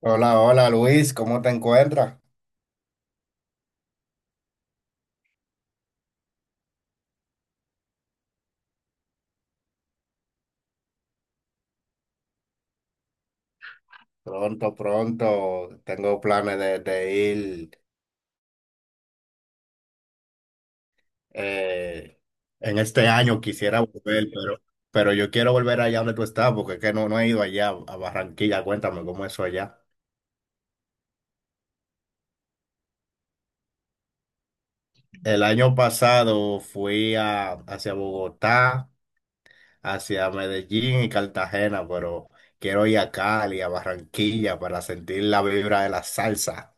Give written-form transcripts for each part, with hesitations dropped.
Hola, hola Luis, ¿cómo te encuentras? Pronto, pronto, tengo planes de ir eh, en este año, quisiera volver, pero yo quiero volver allá donde tú estás, porque es que no, no he ido allá a Barranquilla. Cuéntame cómo es eso allá. El año pasado fui a, hacia Bogotá, hacia Medellín y Cartagena, pero quiero ir a Cali, a Barranquilla, para sentir la vibra de la salsa.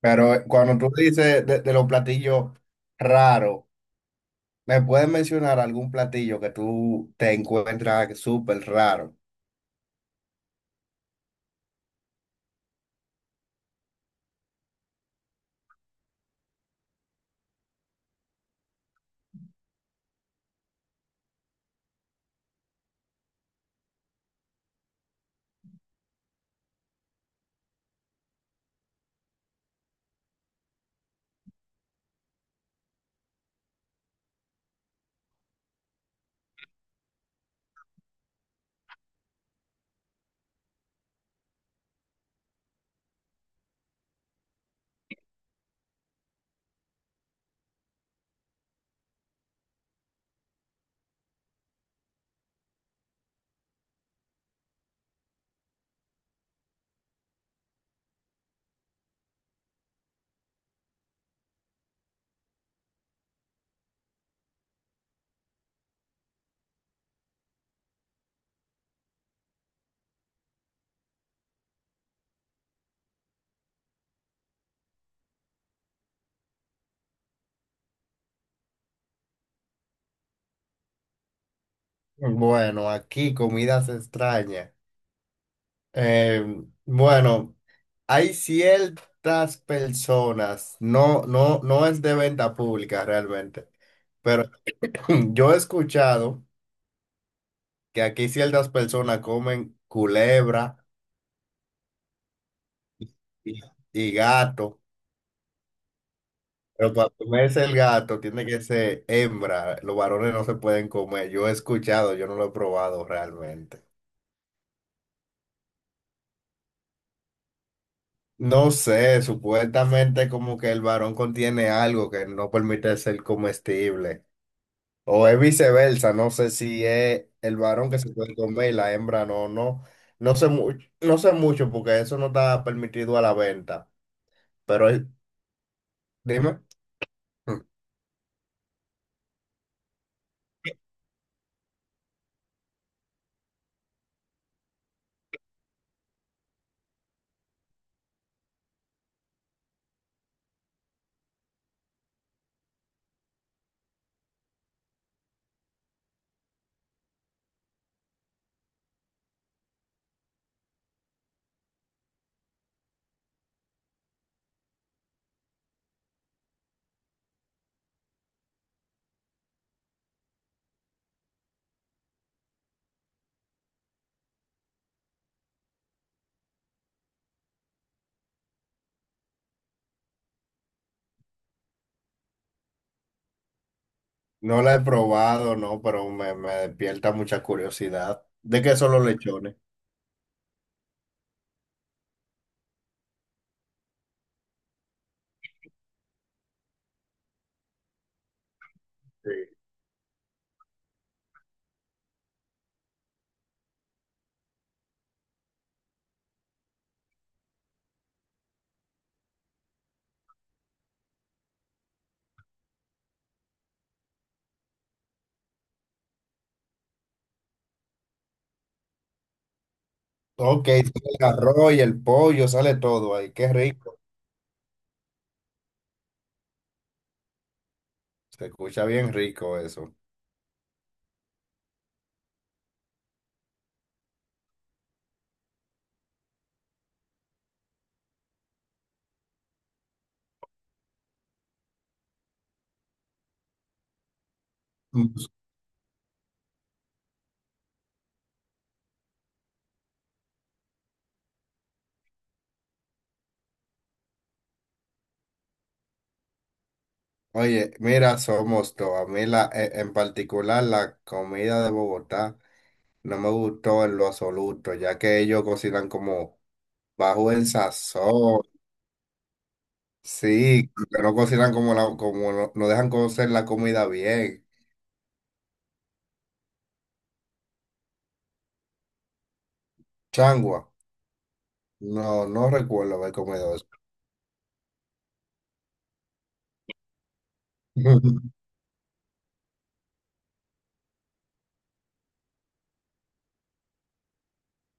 Pero cuando tú dices de los platillos raros, ¿me puedes mencionar algún platillo que tú te encuentras súper raro? Bueno, aquí comidas extrañas. Eh, bueno, hay ciertas personas, no, no, no es de venta pública realmente, pero yo he escuchado que aquí ciertas personas comen culebra y y gato. Pero para comerse el gato tiene que ser hembra. Los varones no se pueden comer. Yo he escuchado, yo no lo he probado realmente. No sé, supuestamente como que el varón contiene algo que no permite ser comestible. O es viceversa, no sé si es el varón que se puede comer y la hembra no, no. No sé mucho, no sé mucho porque eso no está permitido a la venta. Pero es- Dime. Hmm. No la he probado, no, pero me despierta mucha curiosidad. ¿De qué son los lechones? Ok, sale el arroz y el pollo, sale todo ahí. Qué rico. Se escucha bien rico eso. Mm. Oye, mira, somos todos. A mí en particular la comida de Bogotá no me gustó en lo absoluto, ya que ellos cocinan como bajo el sazón. Sí, que no cocinan como la, como no, no dejan cocer la comida bien. Changua. No, no recuerdo haber comido eso.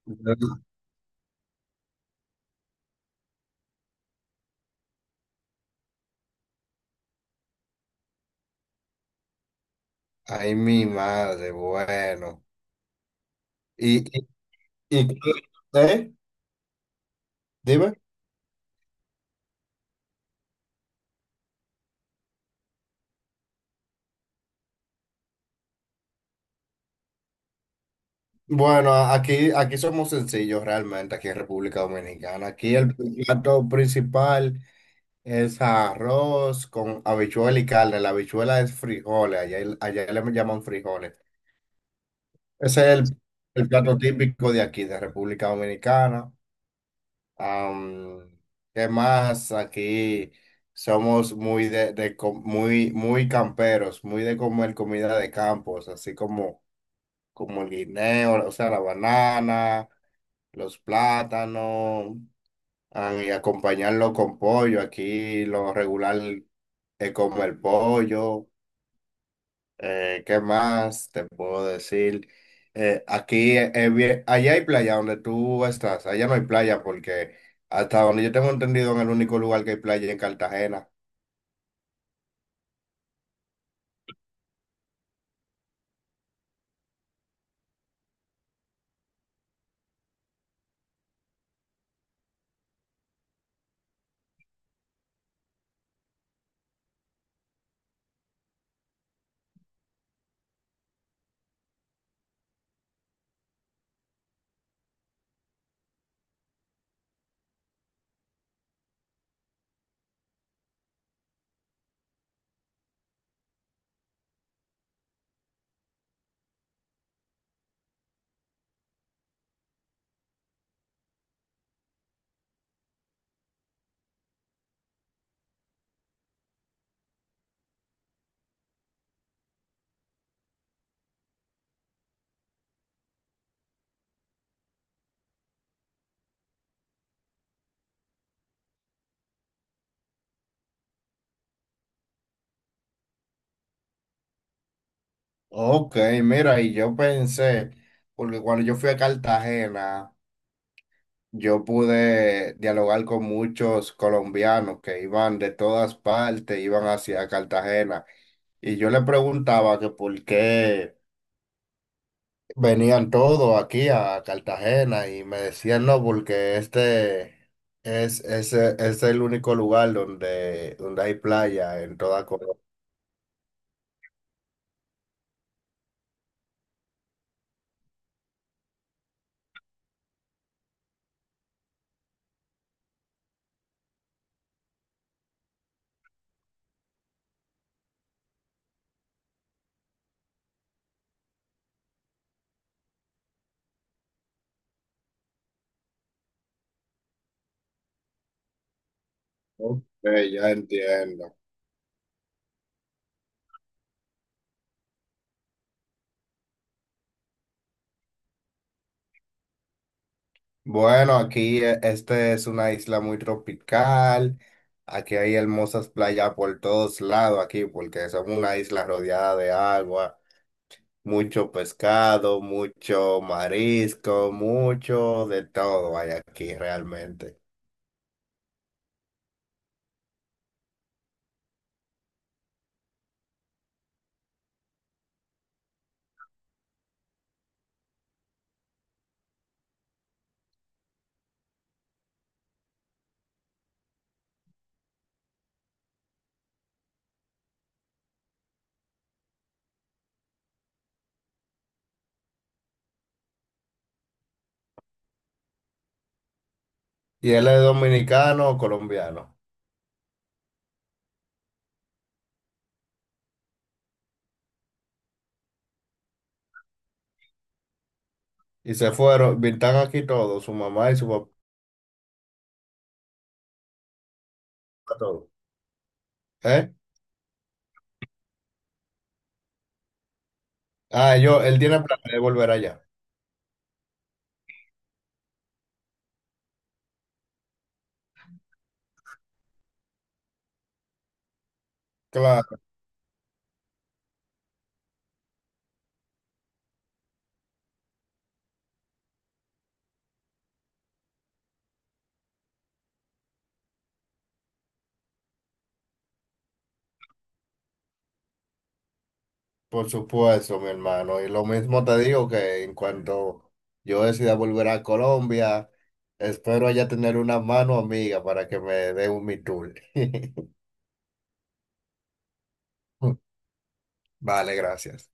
Ay, mi madre, bueno. ¿Y ¿Eh? Dime. Bueno, aquí, aquí somos sencillos realmente, aquí en República Dominicana. Aquí el plato principal es arroz con habichuela y carne. La habichuela es frijoles, allá, allá le llaman frijoles. Ese es el, el plato típico de aquí, de República Dominicana. Am, ¿qué más? Aquí somos muy, muy camperos, muy de comer comida de campos, así como como el guineo, o sea, la banana, los plátanos. Ah, y acompañarlo con pollo. Aquí lo regular es como el pollo. ¿Qué más te puedo decir? Allá hay playa donde tú estás, allá no hay playa porque hasta donde yo tengo entendido en el único lugar que hay playa es en Cartagena. Ok, mira, y yo pensé, porque cuando yo fui a Cartagena, yo pude dialogar con muchos colombianos que iban de todas partes, iban hacia Cartagena. Y yo le preguntaba que por qué venían todos aquí a Cartagena y me decían no, porque este es el único lugar donde, donde hay playa en toda Colombia. Ok, ya entiendo. Bueno, aquí este es una isla muy tropical. Aquí hay hermosas playas por todos lados aquí, porque somos una isla rodeada de agua, mucho pescado, mucho marisco, mucho de todo hay aquí realmente. Y él es dominicano o colombiano. Y se fueron, están aquí todos, su mamá y su papá, todos. ¿Eh? Ah, yo, él tiene planes de volver allá. Claro. Por supuesto, mi hermano. Y lo mismo te digo que en cuanto yo decida volver a Colombia, espero allá tener una mano amiga para que me dé un mi tour. Vale, gracias.